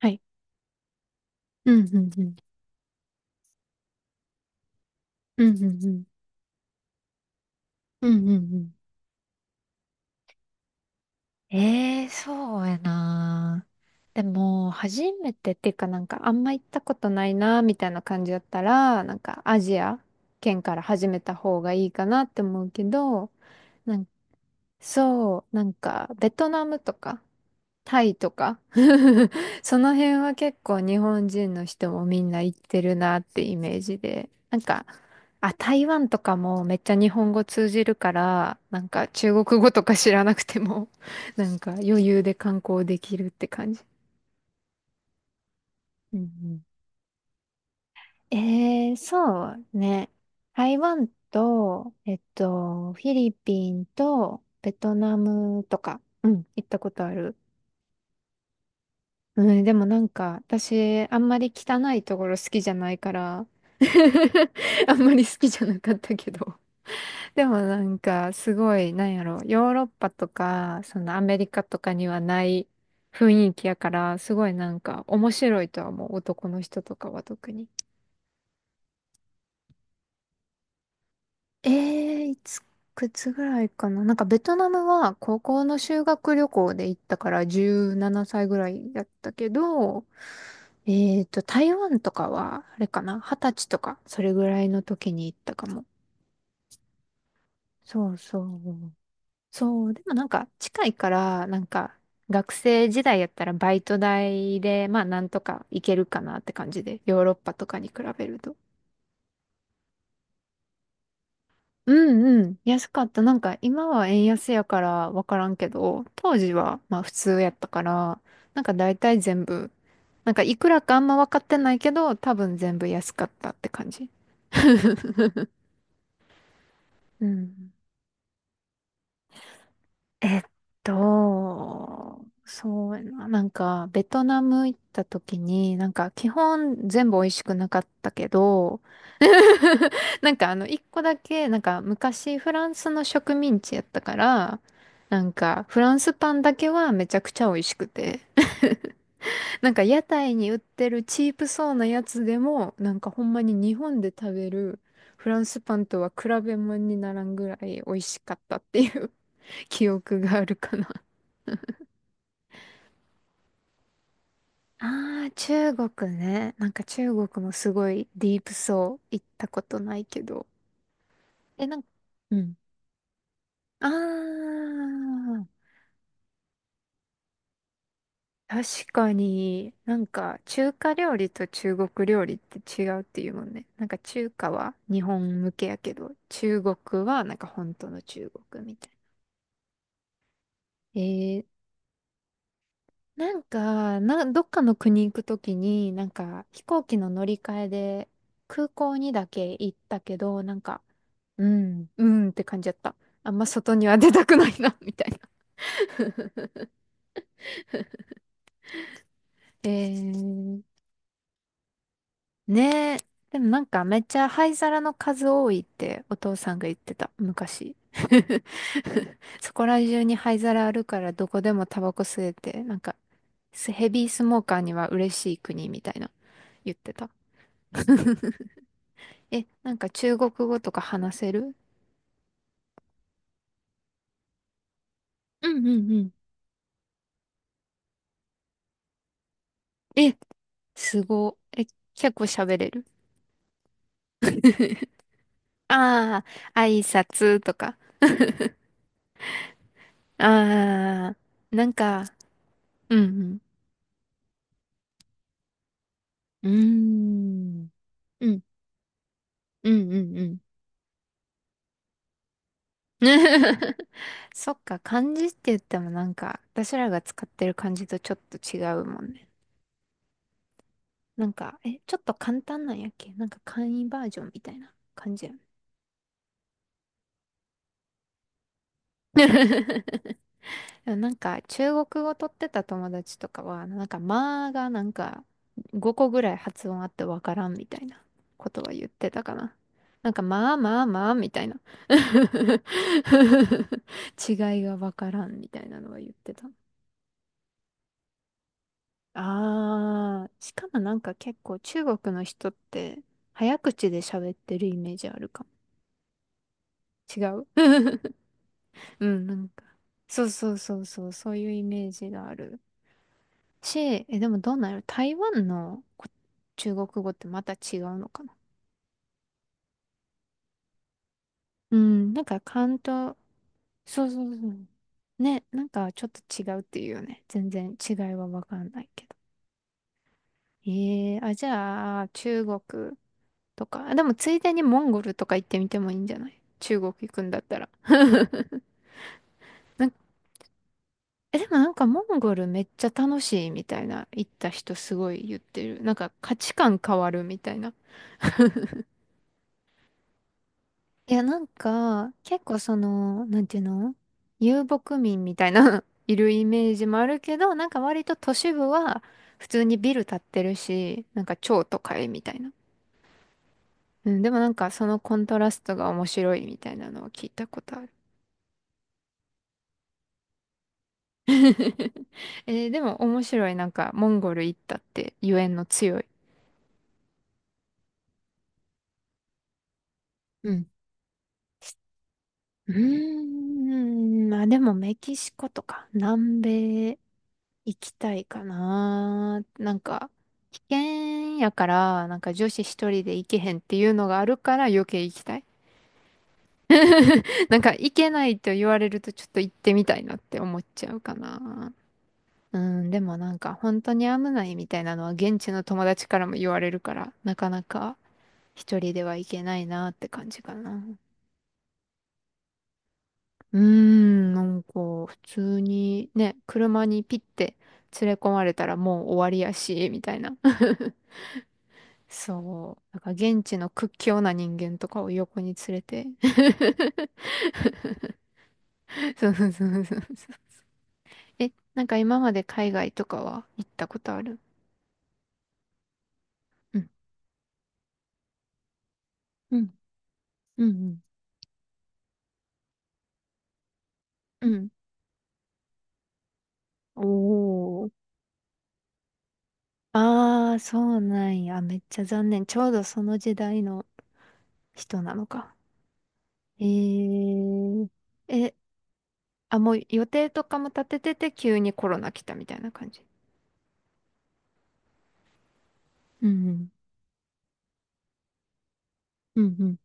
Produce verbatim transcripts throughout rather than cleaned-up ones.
はい。うん、うん、うん。うん、うん、うん。うん、うん、うん。ええーそうやな。でも、初めてっていうかなんかあんま行ったことないな、みたいな感じだったら、なんかアジア圏から始めた方がいいかなって思うけど、なんそう、なんか、ベトナムとか、タイとか、その辺は結構日本人の人もみんな行ってるなってイメージで、なんか、あ、台湾とかもめっちゃ日本語通じるから、なんか中国語とか知らなくても、なんか余裕で観光できるって感じ。うんうん、えー、そうね。台湾と、えっと、フィリピンとベトナムとか、うん、行ったことある。うん、でもなんか、私、あんまり汚いところ好きじゃないから あんまり好きじゃなかったけど。でもなんか、すごい、なんやろ、ヨーロッパとか、そのアメリカとかにはない雰囲気やから、すごいなんか、面白いとは思う、男の人とかは特に。えー、いつ、くつぐらいかな。なんか、ベトナムは高校の修学旅行で行ったから、じゅうななさいぐらいやったけど、えっと、台湾とかは、あれかな二十歳とか、それぐらいの時に行ったかも。そうそう。そう、でもなんか近いから、なんか学生時代やったらバイト代で、まあなんとか行けるかなって感じで、ヨーロッパとかに比べると。うんうん、安かった。なんか今は円安やからわからんけど、当時はまあ普通やったから、なんか大体全部、なんかいくらかあんま分かってないけど、多分全部安かったって感じ。うん。えっと、そうやな。なんか、ベトナム行った時に、なんか、基本全部美味しくなかったけど、なんか、あの、一個だけ、なんか、昔フランスの植民地やったから、なんか、フランスパンだけはめちゃくちゃ美味しくて。なんか、屋台に売ってるチープそうなやつでも、なんか、ほんまに日本で食べるフランスパンとは比べ物にならんぐらい美味しかったっていう 記憶があるかな。ああ、中国ね。なんか中国もすごいディープそう。行ったことないけど。え、なんか、うん。ああ、確かに、なんか中華料理と中国料理って違うっていうもんね。なんか中華は日本向けやけど、中国はなんか本当の中国みたいな。えー、なんか、な、どっかの国行くときに、なんか飛行機の乗り換えで空港にだけ行ったけど、なんか、うん、うんって感じだった。あんま外には出たくないな みたいな。えー、ねえ。でもなんかめっちゃ灰皿の数多いってお父さんが言ってた、昔。そこら中に灰皿あるからどこでもタバコ吸えて、なんかスヘビースモーカーには嬉しい国みたいな言ってた。え、なんか中国語とか話せる？うんうんうん。え、すご。え、結構喋れる？ ああ、挨拶とか。ああ、なんか、うんうん。うーん。うん、うん、うん、うん。そっか、漢字って言ってもなんか、私らが使ってる漢字とちょっと違うもんね。なんか、え、ちょっと簡単なんやっけ、なんか簡易バージョンみたいな感じやん。でもなんか中国語取ってた友達とかは、なんかまあが、なんかごこぐらい発音あってわからんみたいなことは言ってたかな。なんかまあまあまあみたいな 違いがわからんみたいなのは言ってた。ああ、しかもなんか結構中国の人って早口で喋ってるイメージあるかも。違う。 うん、なんか。そうそうそうそう、そういうイメージがある。ち、え、でもどうなる、台湾のこ中国語ってまた違うのかな？うん、なんか関東、そうそうそう。ね、なんかちょっと違うっていうよね。全然違いはわかんないけど。ええあ、じゃあ、中国とか。あ、でもついでにモンゴルとか行ってみてもいいんじゃない？中国行くんだったら。なんえ、でもなんかモンゴルめっちゃ楽しいみたいな、行った人すごい言ってる。なんか価値観変わるみたいな。いや、なんか、結構その、なんていうの、遊牧民みたいな いるイメージもあるけど、なんか割と都市部は普通にビル建ってるし、なんか超都会みたいな。うん、でもなんかそのコントラストが面白いみたいなのを聞いたことある。えーでも面白い。なんかモンゴル行ったってゆえんの強い。うん。うーん、まあでもメキシコとか南米行きたいかな。なんか、危険やから、なんか女子一人で行けへんっていうのがあるから余計行きたい。なんか行けないと言われるとちょっと行ってみたいなって思っちゃうかな。うん、でもなんか本当に危ないみたいなのは現地の友達からも言われるから、なかなか一人では行けないなって感じかな。うーん、なんか普通にね、車にピッて連れ込まれたらもう終わりやし、みたいな。そう。だから現地の屈強な人間とかを横に連れて。そうそうそうそうそう。え、なんか今まで海外とかは行ったことある？うん。うん、うん、うん。うん、おー。ああ、そうなんや。めっちゃ残念。ちょうどその時代の人なのか。えー。え、あ、もう予定とかも立ててて急にコロナ来たみたいな感じ？うん、うん、うん、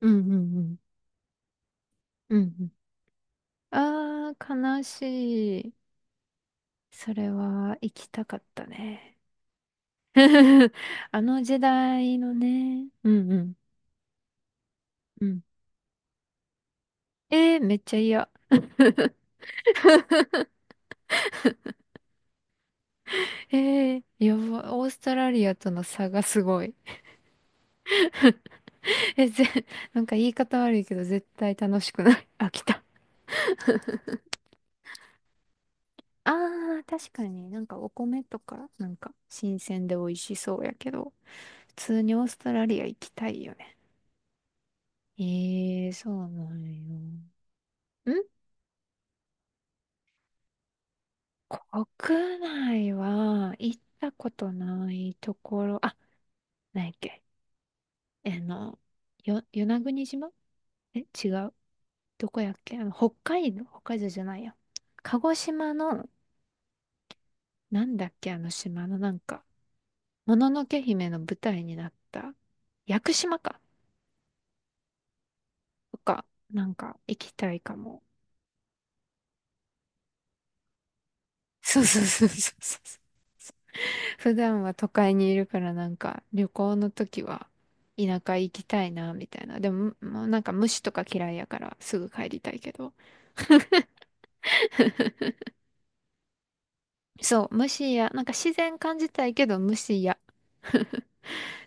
うん、うん、うん、うん、うんうん。ああ、悲しい。それは行きたかったね。あの時代のね。うんうん。うん。えー、めっちゃ嫌。えー、やば、オーストラリアとの差がすごい。え、ぜ、なんか言い方悪いけど絶対楽しくない。飽きた。あー、確かになんかお米とか、なんか新鮮で美味しそうやけど、普通にオーストラリア行きたいよね。ええー、そうなんよ。ん国内は行ったことないところ、あ、何やっけ、あの、よ、与那国島。え、違う。どこやっけ、あの、北海道、北海道じゃないや。鹿児島の、なんだっけあの島のなんか、もののけ姫の舞台になった、屋久島か、とか、なんか行きたいかも。そうそうそうそうそう。普段は都会にいるからなんか旅行の時は田舎行きたいなみたいな。でも、もうなんか虫とか嫌いやからすぐ帰りたいけど。そう、虫や、なんか自然感じたいけど虫や。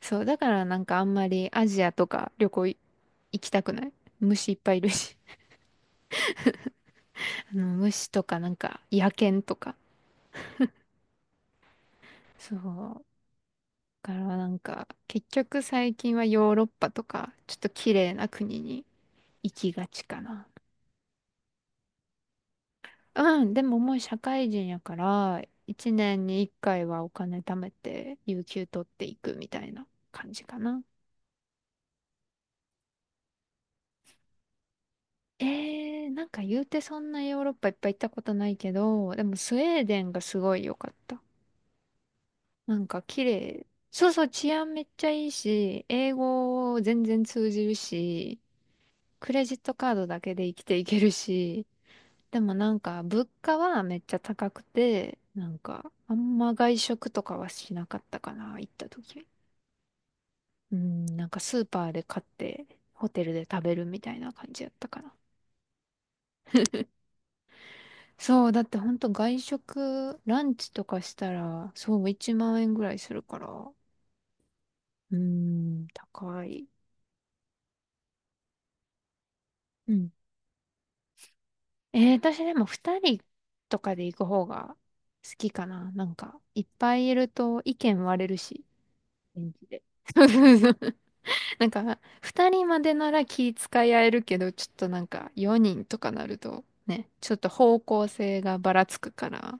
そう、だからなんかあんまりアジアとか旅行い行きたくない。虫いっぱいいるし。あの虫とかなんか野犬とか。そう。だからなんか結局最近はヨーロッパとかちょっと綺麗な国に行きがちかな。うん、でももう社会人やから、一年に一回はお金貯めて、有給取っていくみたいな感じかな。えー、なんか言うてそんなヨーロッパいっぱい行ったことないけど、でもスウェーデンがすごい良かった。なんか綺麗。そうそう、治安めっちゃいいし、英語全然通じるし、クレジットカードだけで生きていけるし、でもなんか物価はめっちゃ高くて、なんかあんま外食とかはしなかったかな、行った時。うん、なんかスーパーで買ってホテルで食べるみたいな感じやったかな。そう、だってほんと外食、ランチとかしたら、そう、いちまん円ぐらいするから、うーん、高い。うん。えー、私でもふたりとかで行く方が好きかな。なんか、いっぱいいると意見割れるし、現地で。そうそうそう。なんか、ふたりまでなら気遣い合えるけど、ちょっとなんかよにんとかなると、ね、ちょっと方向性がばらつくから、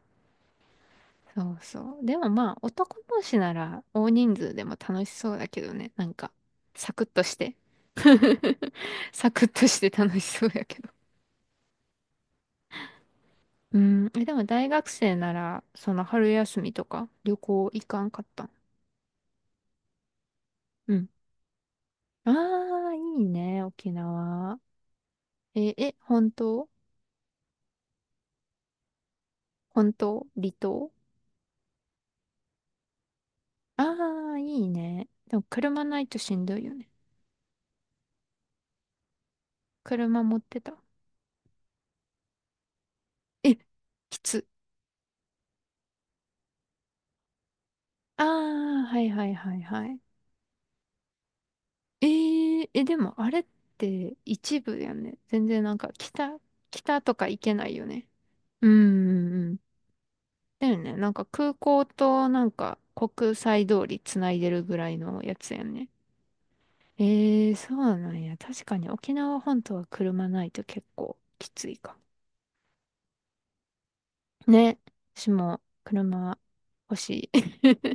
そうそう。でもまあ、男同士なら大人数でも楽しそうだけどね。なんか、サクッとして。サクッとして楽しそうやけど。うん。え、でも大学生なら、その春休みとか旅行行かんかったん？うん。ああ、いいね、沖縄。え、え、本当？本当、離島？ああ、いいね。でも車ないとしんどいよね。車持ってた？え、きつ。ああ、はいはいはいはい。えー、え、でもあれって一部やね。全然なんか北、北とか行けないよね。うんうんうん。だよね。なんか空港となんか国際通りつないでるぐらいのやつやんね。えー、そうなんや。確かに沖縄本島は車ないと結構きついかも。ね。私も車欲しい。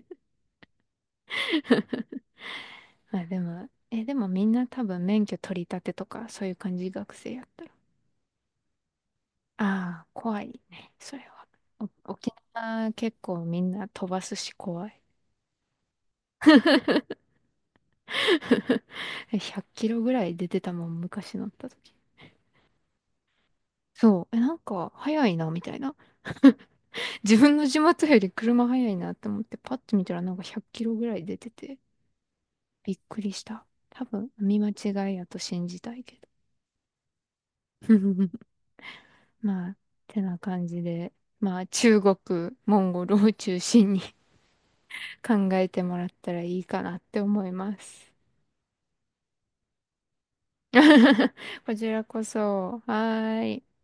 あ、でも、え、でもみんな多分免許取り立てとかそういう感じ？学生やったら。ああ、怖いね。それは。お沖縄結構みんな飛ばすし怖い。ひゃくキロぐらい出てたもん、昔乗った時。そう。え、なんか、早いな、みたいな。自分の地元より車早いなって思って、パッと見たらなんかひゃくキロぐらい出てて、びっくりした。多分、見間違いやと信じたいけど。まあ、てな感じで、まあ、中国、モンゴルを中心に 考えてもらったらいいかなって思います。こちらこそ。はーい。